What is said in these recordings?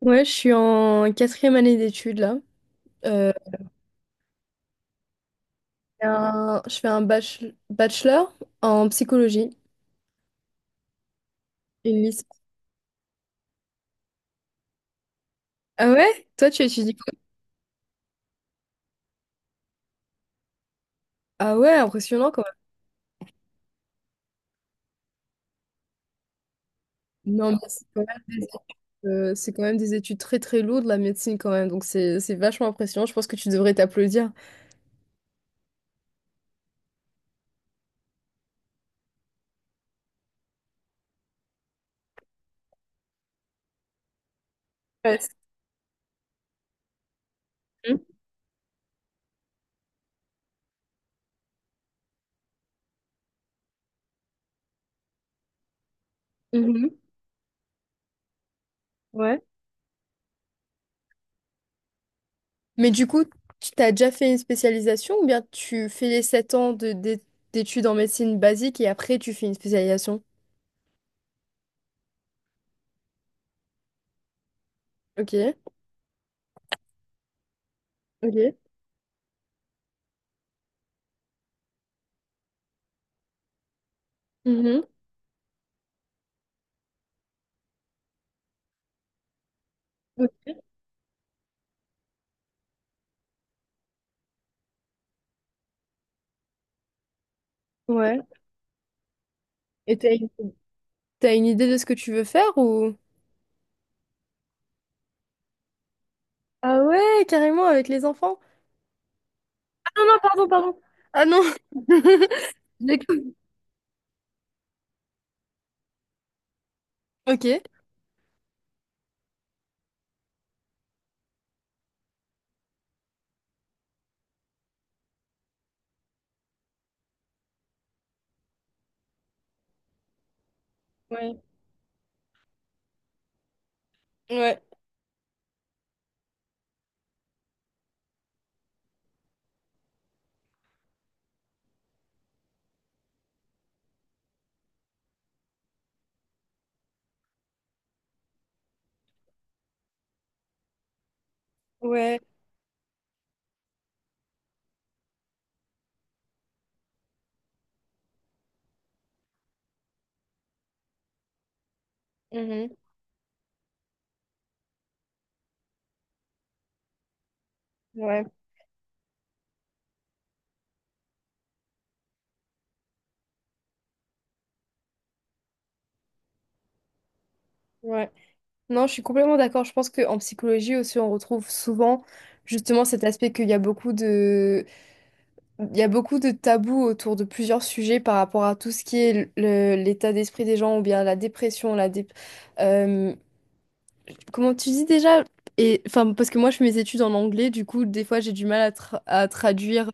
Ouais, je suis en quatrième année d'études là. Euh, je fais un bachelor en psychologie, une licence. Ah ouais? Toi, tu étudies quoi? Ah ouais, impressionnant quand même. Non, mais c'est quand même c'est quand même des études très très lourdes, la médecine quand même. Donc c'est vachement impressionnant. Je pense que tu devrais t'applaudir. Ouais. c'est- Mhm. Mhm. Ouais. Mais du coup, tu t'as déjà fait une spécialisation ou bien tu fais les 7 ans d'études en médecine basique et après tu fais une spécialisation? Ok. Ok. Mhm. Ok. Ouais. Et t'as une idée de ce que tu veux faire ou... Ah ouais, carrément avec les enfants. Ah non, non, pardon, pardon. Ah non. J'ai cru. Ok. Ouais, ouais, ouais, mhm, ouais, ouais. Non, je suis complètement d'accord. Je pense qu'en psychologie aussi, on retrouve souvent justement cet aspect qu'il y a il y a beaucoup de tabous autour de plusieurs sujets par rapport à tout ce qui est l'état d'esprit des gens ou bien la dépression, euh, Comment tu dis déjà? Et enfin, parce que moi, je fais mes études en anglais, du coup, des fois, j'ai du mal à, à traduire.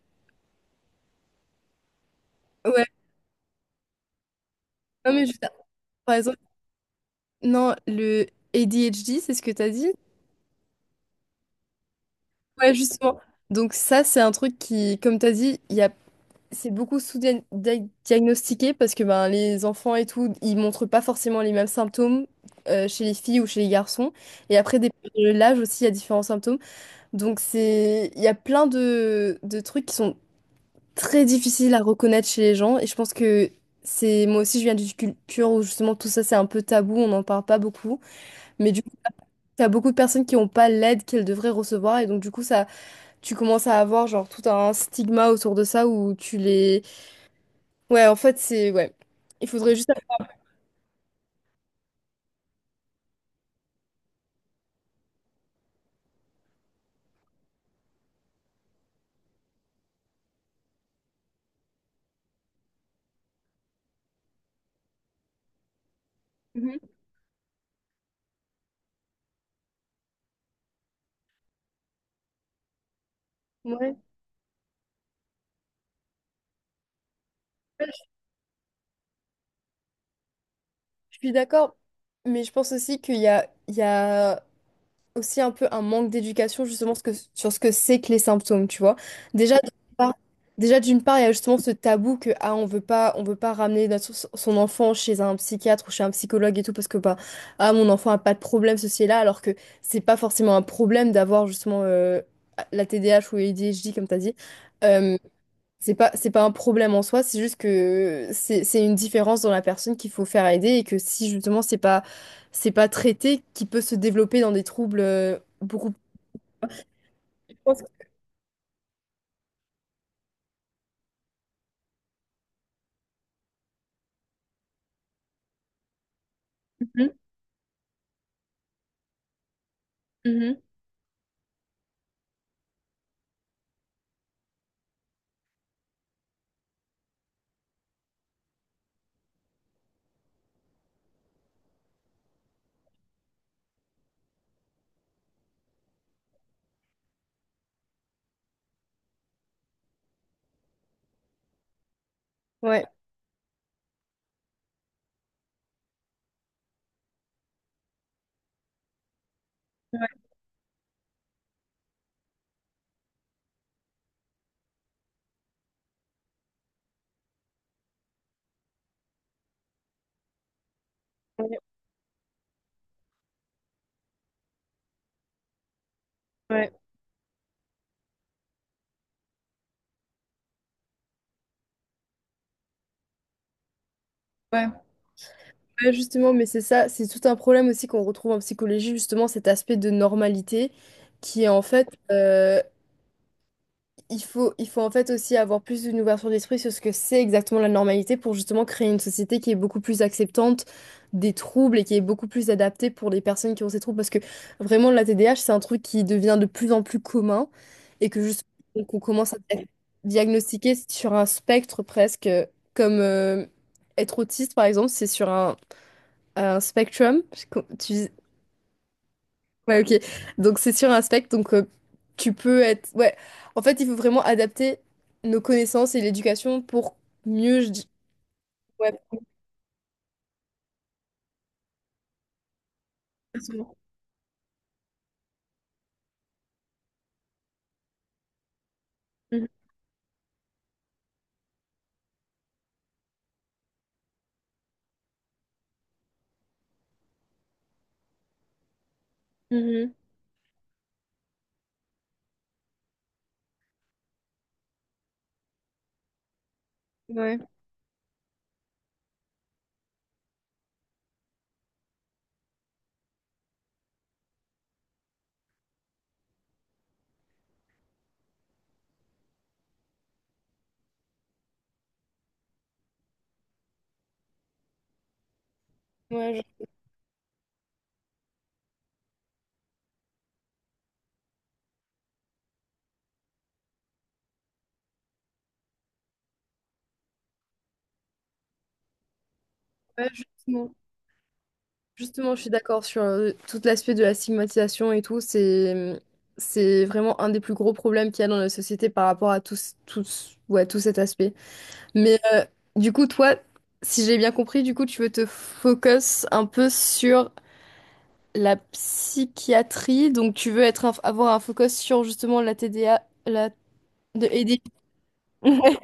Ouais, non, mais juste, par exemple, non, le ADHD, c'est ce que t'as dit? Ouais, justement. Donc, ça, c'est un truc qui, comme t'as dit, il y a... c'est beaucoup sous-diagnostiqué parce que ben, les enfants et tout, ils montrent pas forcément les mêmes symptômes chez les filles ou chez les garçons. Et après, dépendant de l'âge aussi, il y a différents symptômes. Donc, c'est... il y a plein de trucs qui sont très difficile à reconnaître chez les gens. Et je pense que c'est moi aussi, je viens d'une culture où justement tout ça c'est un peu tabou, on n'en parle pas beaucoup. Mais du coup, t'as beaucoup de personnes qui n'ont pas l'aide qu'elles devraient recevoir. Et donc, du coup, ça, tu commences à avoir genre tout un stigma autour de ça où tu les. Ouais, en fait, c'est. Ouais. Il faudrait juste. Mhm. Ouais, Ouais, je je suis d'accord. Mais je pense aussi qu'il y a. Il y a aussi un peu un manque d'éducation justement sur ce que c'est que les symptômes, tu vois. Déjà, d'une part, déjà d'une part, il y a justement ce tabou que ah, on veut pas ramener son enfant chez un psychiatre ou chez un psychologue et tout parce que bah ah mon enfant a pas de problème ceci et là alors que c'est pas forcément un problème d'avoir justement la TDAH ou ADHD comme t'as dit. Euh, c'est pas un problème en soi, c'est juste que c'est une différence dans la personne qu'il faut faire aider et que si justement c'est pas traité, qui peut se développer dans des troubles beaucoup plus. Je pense que- Mhm, mhm. Ouais, Ouais, ouais, ouais. Ouais, justement, mais c'est ça, c'est tout un problème aussi qu'on retrouve en psychologie, justement cet aspect de normalité qui est en fait, il faut en fait aussi avoir plus une ouverture d'esprit sur ce que c'est exactement la normalité pour justement créer une société qui est beaucoup plus acceptante des troubles et qui est beaucoup plus adaptée pour les personnes qui ont ces troubles. Parce que vraiment, la TDAH, c'est un truc qui devient de plus en plus commun et que juste qu'on commence à diagnostiquer sur un spectre presque, comme être autiste par exemple, c'est sur un spectrum. Ouais, ok. Donc c'est sur un spectre, donc tu peux être... Ouais, en fait, il faut vraiment adapter nos connaissances et l'éducation pour mieux... dis- Ouais, absolument. Mhm, mhm. Ouais. Ouais, ouais, justement. Justement, je suis d'accord sur tout l'aspect de la stigmatisation et tout. C'est vraiment un des plus gros problèmes qu'il y a dans la société par rapport à ouais, tout cet aspect. Mais du coup, toi, si j'ai bien compris, du coup, tu veux te focus un peu sur La psychiatrie, donc tu veux être avoir un focus sur justement la TDA, la de aider. Ouais,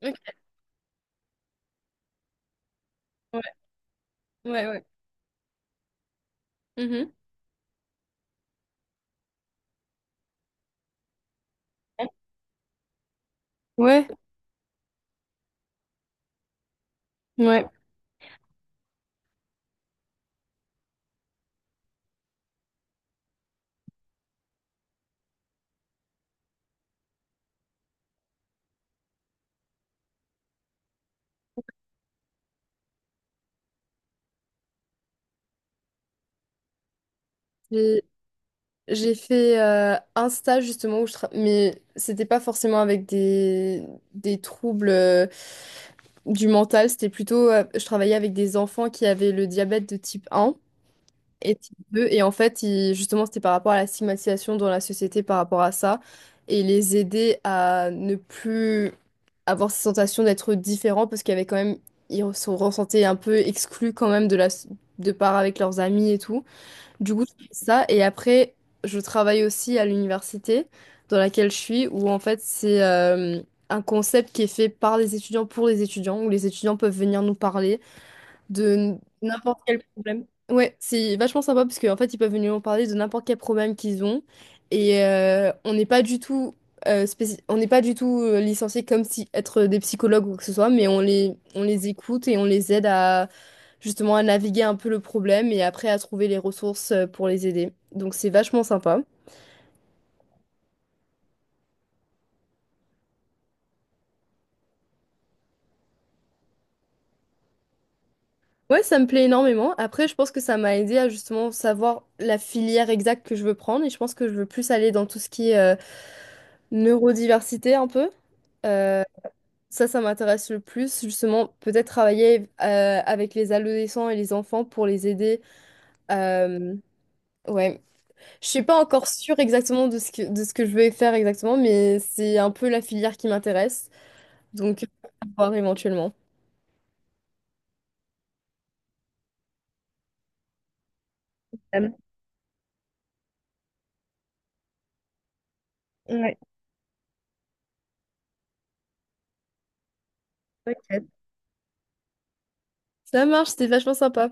ok, ouais, ouais. ouais. Mhm. Ouais, ouais. J'ai j'ai fait un stage justement où je tra- mais c'était pas forcément avec des troubles du mental, c'était plutôt je travaillais avec des enfants qui avaient le diabète de type 1. Et type 2, et en fait, justement, c'était par rapport à la stigmatisation dans la société par rapport à ça, et les aider à ne plus avoir cette sensation d'être différents, parce qu'il y avait quand même, ils se ressentaient un peu exclus quand même de la, de part avec leurs amis et tout. Du coup, je fais ça, et après, je travaille aussi à l'université dans laquelle je suis, où en fait, c'est un concept qui est fait par les étudiants pour les étudiants, où les étudiants peuvent venir nous parler de n'importe quel problème. Ouais, c'est vachement sympa parce qu'en fait, ils peuvent venir nous parler de n'importe quel problème qu'ils ont. Et on n'est pas du tout, on n'est pas du tout licenciés comme si être des psychologues ou quoi que ce soit, mais on on les écoute et on les aide à justement à naviguer un peu le problème et après à trouver les ressources pour les aider. Donc c'est vachement sympa. Ouais, ça me plaît énormément. Après, je pense que ça m'a aidé à justement savoir la filière exacte que je veux prendre et je pense que je veux plus aller dans tout ce qui est Neurodiversité un peu. Euh, ça m'intéresse le plus. Justement, peut-être travailler avec les adolescents et les enfants pour les aider. Euh, ouais. Je suis pas encore sûre exactement de ce que je vais faire exactement, mais c'est un peu la filière qui m'intéresse. Donc, à voir éventuellement. Euh, ouais. Ok. Ça marche, c'était vachement sympa.